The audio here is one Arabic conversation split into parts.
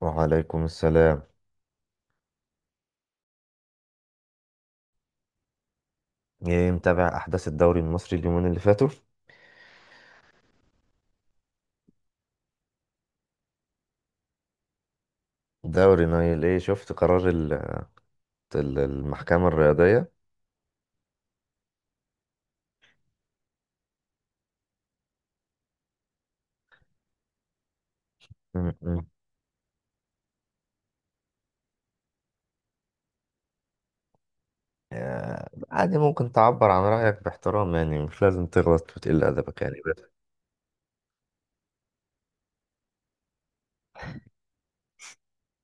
وعليكم السلام. ايه، متابع احداث الدوري المصري اليومين اللي فاتوا؟ دوري نايل. ايه، شفت قرار المحكمة الرياضية؟ م- م. آه، عادي، ممكن تعبر عن رأيك باحترام. يعني مش لازم تغلط وتقل أدبك، يعني بس.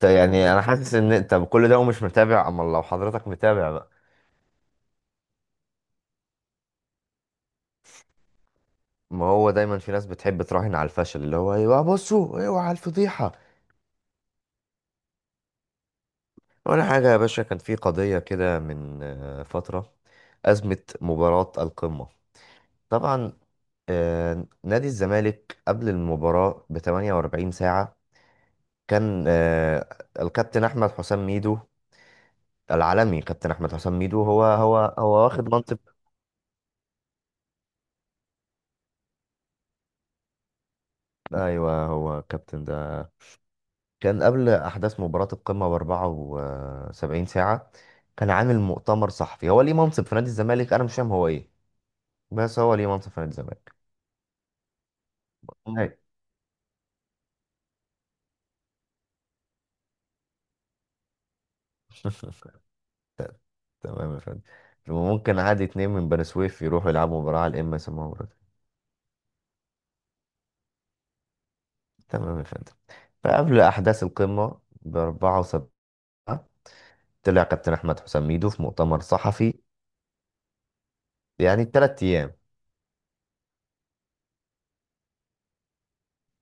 يعني أنا حاسس إن أنت بكل ده ومش متابع. أما لو حضرتك متابع بقى، ما هو دايما في ناس بتحب تراهن على الفشل، اللي هو أيوه، بصوا، أيوه على الفضيحة. ولا حاجة يا باشا، كان في قضية كده من فترة. أزمة مباراة القمة. طبعا. نادي الزمالك قبل المباراة ب 48 ساعة، كان الكابتن أحمد حسام ميدو العالمي. كابتن أحمد حسام ميدو هو واخد منصب. أيوه، هو الكابتن ده. كان قبل أحداث مباراة القمة ب 74 ساعة، كان عامل مؤتمر صحفي. هو ليه منصب في نادي الزمالك؟ أنا مش فاهم هو إيه، بس هو ليه منصب في نادي الزمالك؟ أيوة. ت- تمام يا فندم. ممكن عادي اتنين من بني سويف يروحوا يلعبوا مباراة على الام اس ام. تمام يا فندم. فقبل أحداث القمة بأربعة وسبعة، طلع كابتن أحمد حسام ميدو في مؤتمر صحفي. يعني 3 أيام.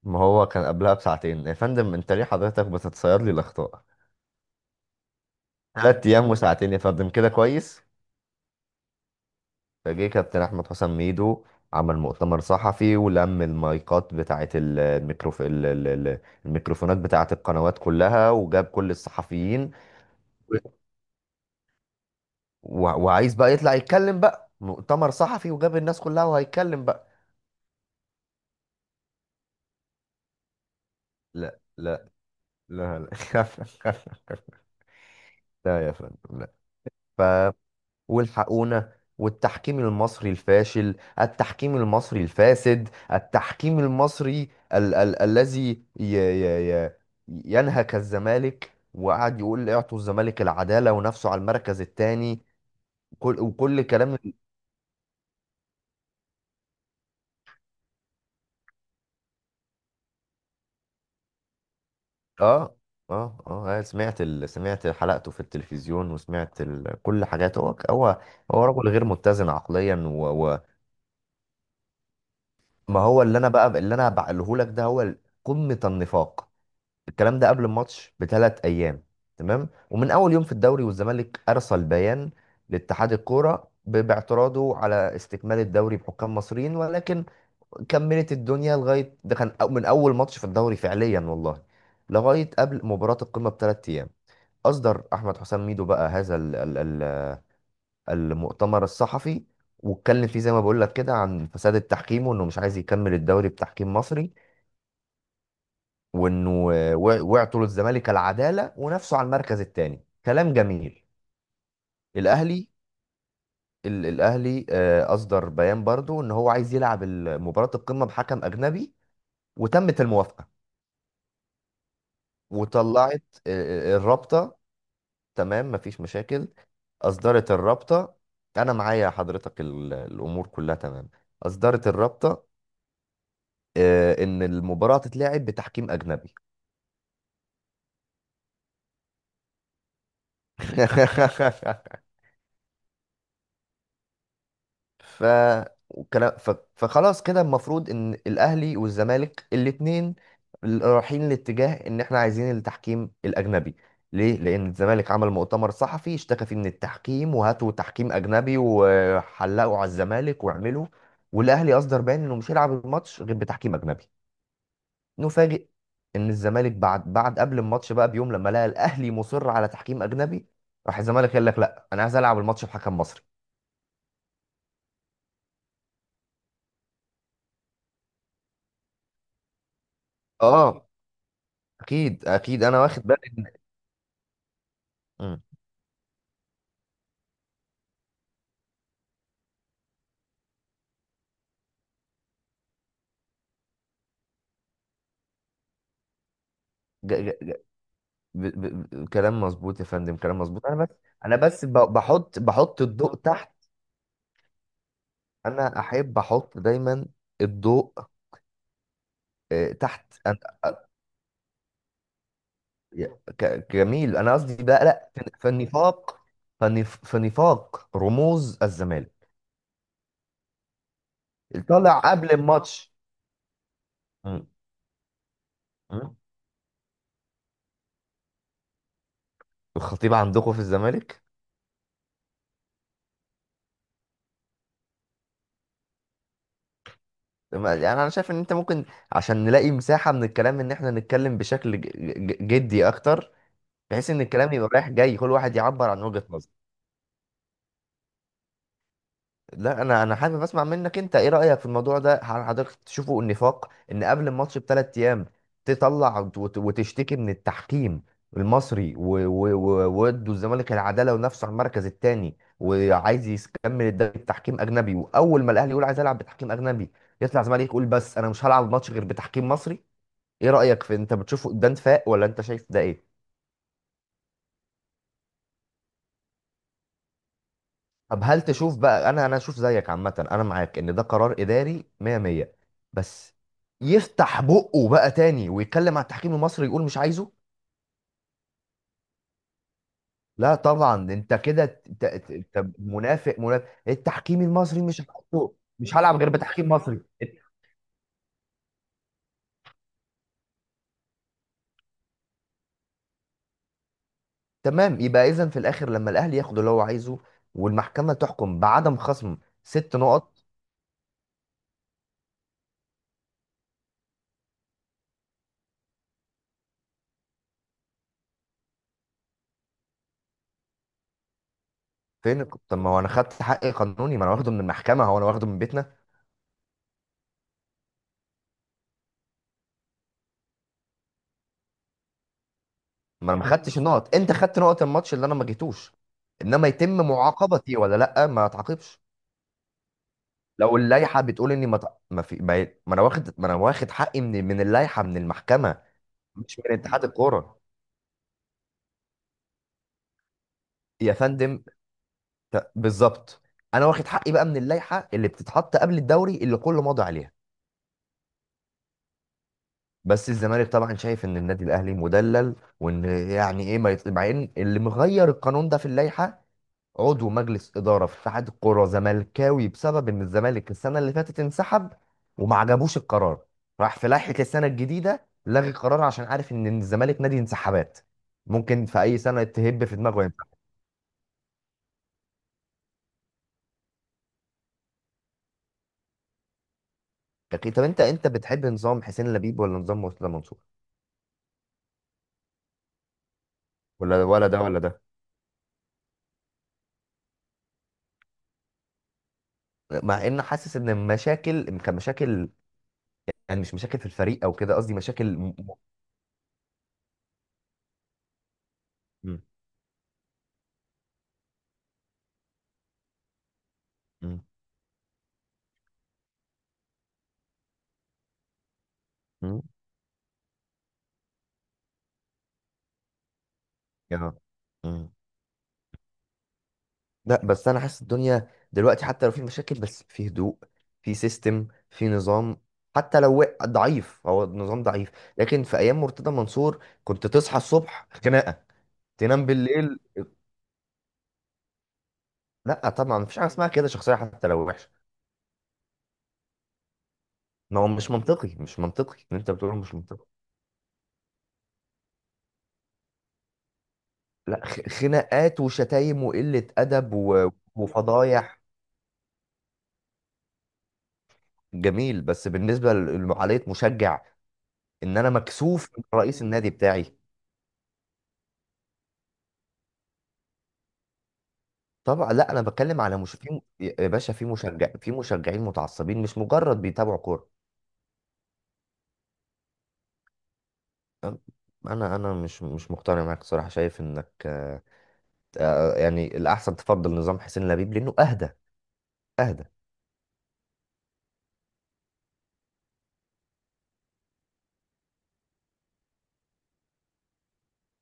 ما هو كان قبلها بساعتين يا فندم، أنت ليه حضرتك بتتصير لي الأخطاء؟ 3 أيام وساعتين يا فندم، كده كويس. فجه كابتن أحمد حسام ميدو، عمل مؤتمر صحفي ولم المايكات بتاعة الميكروفونات بتاعة القنوات كلها، وجاب كل الصحفيين. و... وعايز بقى يطلع يتكلم، بقى مؤتمر صحفي وجاب الناس كلها وهيتكلم بقى. لا، لا. لا لا خف خف خف. لا يا فندم، لا. ف والحقونا! والتحكيم المصري الفاشل، التحكيم المصري الفاسد، التحكيم المصري ال ال الذي ي ي ي ينهك الزمالك، وقعد يقول اعطوا الزمالك العدالة ونفسه على المركز الثاني. كل كلام اه، اه سمعت سمعت حلقته في التلفزيون، وسمعت كل حاجاته. هو هو رجل غير متزن عقليا ما هو اللي انا بقى، اللي انا بقوله لك ده هو قمة النفاق. الكلام ده قبل الماتش ب3 ايام. تمام، ومن اول يوم في الدوري والزمالك ارسل بيان لاتحاد الكوره باعتراضه على استكمال الدوري بحكام مصريين، ولكن كملت الدنيا. لغايه ده كان من اول ماتش في الدوري فعليا والله، لغايه قبل مباراه القمه ب3 ايام، اصدر احمد حسام ميدو بقى هذا المؤتمر الصحفي، واتكلم فيه زي ما بقول لك كده عن فساد التحكيم، وانه مش عايز يكمل الدوري بتحكيم مصري، وانه وع- وعطوا للزمالك العداله ونافسوا على المركز الثاني. كلام جميل. الاهلي، الاهلي اصدر بيان برضو ان هو عايز يلعب مباراه القمه بحكم اجنبي. وتمت الموافقه. وطلعت الرابطه. تمام، مفيش مشاكل. اصدرت الرابطه. انا معايا حضرتك الامور كلها تمام. اصدرت الرابطه ان المباراه تتلعب بتحكيم اجنبي. ف وكلا- ف- فخلاص كده، المفروض ان الاهلي والزمالك الاتنين رايحين لاتجاه ان احنا عايزين التحكيم الاجنبي. ليه؟ لان الزمالك عمل مؤتمر صحفي اشتكى فيه من التحكيم، وهاتوا تحكيم اجنبي وحلقوا على الزمالك واعملوا. والاهلي اصدر بيان انه مش هيلعب الماتش غير بتحكيم اجنبي. نفاجئ ان الزمالك بعد قبل الماتش بقى بيوم، لما لقى الاهلي مصر على تحكيم اجنبي، راح الزمالك قال لك: لا، انا عايز العب الماتش بحكم مصري. اه، اكيد انا واخد بالي ان... مم. ج... ج... ج... ب... ب... ب- كلام مظبوط يا فندم، كلام مظبوط. انا بس، انا بس بحط الضوء تحت. انا احب احط دايما الضوء تحت. جميل. انا قصدي بقى، لا، في النفاق، في نفاق رموز الزمالك. طالع قبل الماتش. مم. مم. الخطيب عندكم في الزمالك؟ يعني انا شايف ان انت ممكن، عشان نلاقي مساحة من الكلام، ان احنا نتكلم بشكل جدي اكتر، بحيث ان الكلام يبقى رايح جاي، كل واحد يعبر عن وجهة نظره. لا، انا حابب اسمع منك انت. ايه رايك في الموضوع ده؟ هل حضرتك تشوفه النفاق، ان قبل الماتش ب3 ايام تطلع وتشتكي من التحكيم المصري، و- و- و- وودوا الزمالك العداله ونفسه على المركز الثاني، وعايز يكمل الدوري بتحكيم اجنبي، واول ما الاهلي يقول عايز العب بتحكيم اجنبي يطلع الزمالك يقول بس انا مش هلعب الماتش غير بتحكيم مصري؟ ايه رايك، في، انت بتشوفه ده نفاق ولا انت شايف ده ايه؟ طب هل تشوف بقى، انا اشوف زيك. عامه انا معاك ان ده قرار اداري 100 100. بس يفتح بقه بقى تاني ويتكلم على التحكيم المصري يقول مش عايزه. لا طبعا، ده انت كده انت منافق، منافق. التحكيم المصري مش هحطه، مش هلعب غير بتحكيم مصري. تمام، يبقى اذا في الاخر لما الاهلي ياخد اللي هو عايزه، والمحكمه تحكم بعدم خصم 6 نقط، فين؟ طب ما هو انا خدت حقي قانوني، ما انا واخده من المحكمه، هو انا واخده من بيتنا؟ ما انا ما خدتش النقط، انت خدت نقط الماتش اللي انا ما جيتوش، انما يتم معاقبتي ولا لا؟ ما اتعاقبش. لو اللائحه بتقول اني ما في ما انا واخد، ما انا واخد حقي من اللائحه، من المحكمه، مش من اتحاد الكوره. يا فندم، بالظبط. انا واخد حقي بقى من اللائحه اللي بتتحط قبل الدوري، اللي كله ماضي عليها. بس الزمالك طبعا شايف ان النادي الاهلي مدلل، وان يعني ايه ما يط... مع ان اللي مغير القانون ده في اللائحه عضو مجلس إدارة في اتحاد الكرة زملكاوي، بسبب إن الزمالك السنة اللي فاتت انسحب وما عجبوش القرار، راح في لائحة السنة الجديدة لغي القرار، عشان عارف إن الزمالك نادي انسحابات، ممكن في أي سنة تهب في دماغه ينسحب. أكيد. طب، أنت بتحب نظام حسين لبيب ولا نظام مرتضى منصور؟ ولا ده ولا ده؟ مع إن حاسس إن المشاكل كمشاكل، يعني مش مشاكل في الفريق أو كده، قصدي مشاكل م... م... م... م... يا- م... لا، بس انا حاسس الدنيا دلوقتي حتى لو في مشاكل بس في هدوء، في سيستم، في نظام. حتى لو ضعيف، هو النظام ضعيف، لكن في ايام مرتضى منصور كنت تصحى الصبح خناقه، تنام بالليل. لا طبعا، مفيش حاجه اسمها كده شخصيه حتى لو وحشه. ما هو مش منطقي، مش منطقي اللي انت بتقوله، مش منطقي. لا، خناقات وشتايم وقله ادب وفضايح. جميل. بس بالنسبه لعمليه مشجع، ان انا مكسوف من رئيس النادي بتاعي. طبعا، لا انا بتكلم على، مش في يا باشا، في مشجع، في مشجعين متعصبين، مش مجرد بيتابعوا كوره. أم- انا مش مقتنع معاك صراحه، شايف انك يعني الاحسن تفضل نظام حسين لبيب لانه اهدى، اهدى.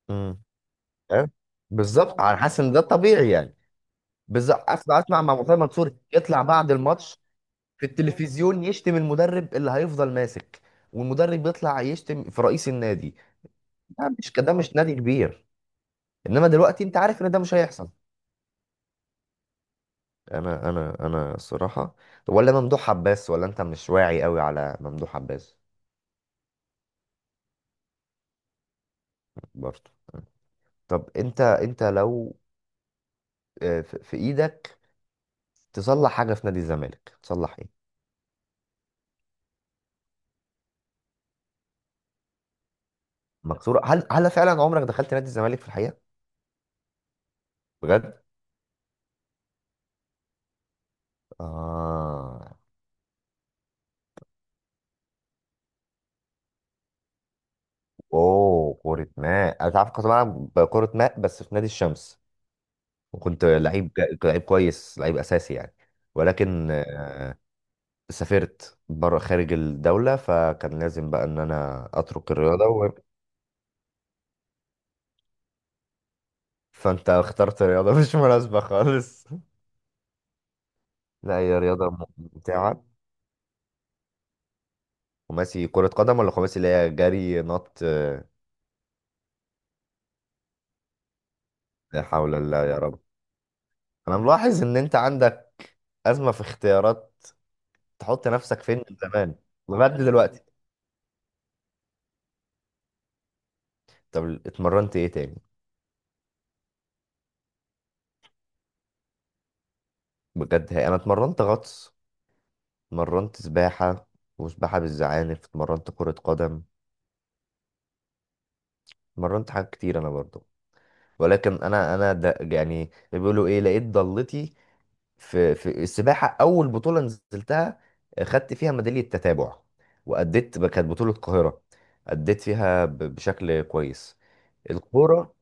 امم فاهم؟ بالظبط، انا حاسس ان ده الطبيعي يعني. بالظبط، اسمع، مع مرتضى منصور يطلع بعد الماتش في التلفزيون يشتم المدرب اللي هيفضل ماسك، والمدرب يطلع يشتم في رئيس النادي. ده مش كده، مش نادي كبير. انما دلوقتي انت عارف ان ده مش هيحصل. انا الصراحه. طب، ولا ممدوح عباس؟ ولا انت مش واعي قوي على ممدوح عباس؟ برضه. طب، انت لو في ايدك تصلح حاجه في نادي الزمالك، تصلح ايه؟ مكسوره. هل فعلا عمرك دخلت نادي الزمالك في الحقيقه؟ بجد؟ اه. اوه، كره ماء! انا تعرف كنت بلعب كره ماء بس في نادي الشمس، وكنت لعيب لعيب كويس، لعيب اساسي يعني. ولكن سافرت بره خارج الدولة، فكان لازم بقى ان انا اترك الرياضة. فانت اخترت رياضة مش مناسبة خالص. لا، هي رياضة ممتعة. خماسي كرة قدم ولا خماسي اللي هي جري نط لا حول الله يا رب! انا ملاحظ ان انت عندك أزمة في اختيارات، تحط نفسك فين من زمان لغاية دلوقتي. طب، اتمرنت ايه تاني؟ بجد؟ هي انا اتمرنت غطس، اتمرنت سباحة وسباحة بالزعانف، اتمرنت كرة قدم، اتمرنت حاجات كتير انا برضو. ولكن انا ده يعني، بيقولوا ايه، لقيت ضالتي في السباحة. أول بطولة نزلتها، خدت فيها ميدالية تتابع، وأديت كانت بطولة القاهرة، أديت فيها بشكل كويس. الكورة.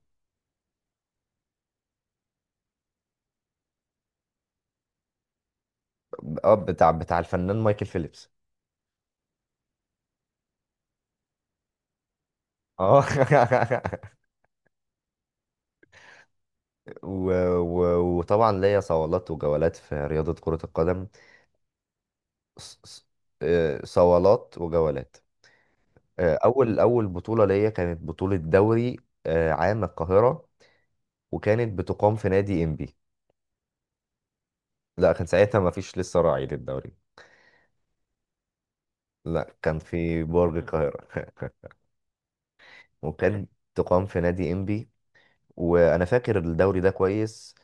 اه، بتاع الفنان مايكل فيليبس؟ اه. و... و... وطبعا ليا صوالات وجولات في رياضة كرة القدم. ص- ص- صوالات وجولات. أول بطولة ليا كانت بطولة دوري، عام القاهرة، وكانت بتقام في نادي إنبي. لا، كان ساعتها ما فيش لسه راعي للدوري. لا، كان في برج القاهرة. وكان تقام في نادي إنبي، وأنا فاكر الدوري ده كويس.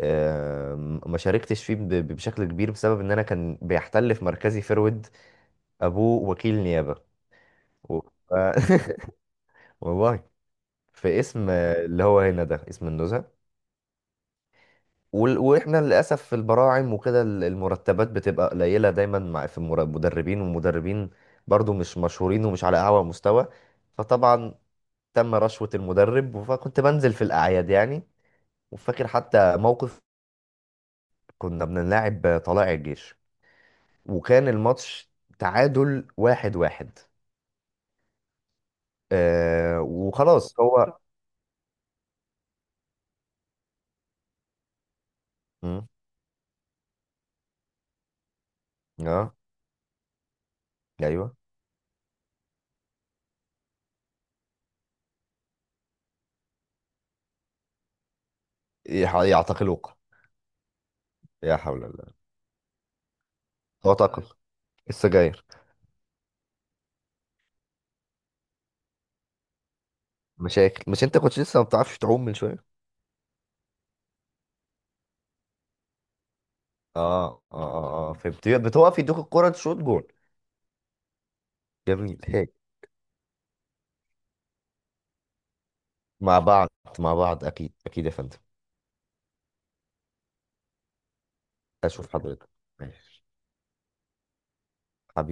ما شاركتش فيه بشكل كبير، بسبب إن أنا كان بيحتل في مركزي فيرود، أبوه وكيل نيابة، و- ف- والله، في اسم اللي هو هنا ده، اسم النزهة. وال- واحنا للاسف في البراعم وكده المرتبات بتبقى قليله دايما، مع في المدربين، والمدربين برضو مش مشهورين، ومش على اعلى مستوى. فطبعا تم رشوة المدرب، فكنت بنزل في الأعياد يعني. وفاكر حتى موقف، كنا بنلاعب طلائع الجيش، وكان الماتش تعادل 1-1. وخلاص هو... مم. اه، ايوه. يعتقلوك؟ يا حول الله! هو تعتقل السجاير؟ مشاكل؟ مش انت كنت لسه ما بتعرفش تعوم من شويه؟ اه، فهمت، بتوقف يدوك الكرة تشوط جول. جميل، هيك. مع بعض، مع بعض. اكيد يا فندم. اشوف حضرتك. ماشي.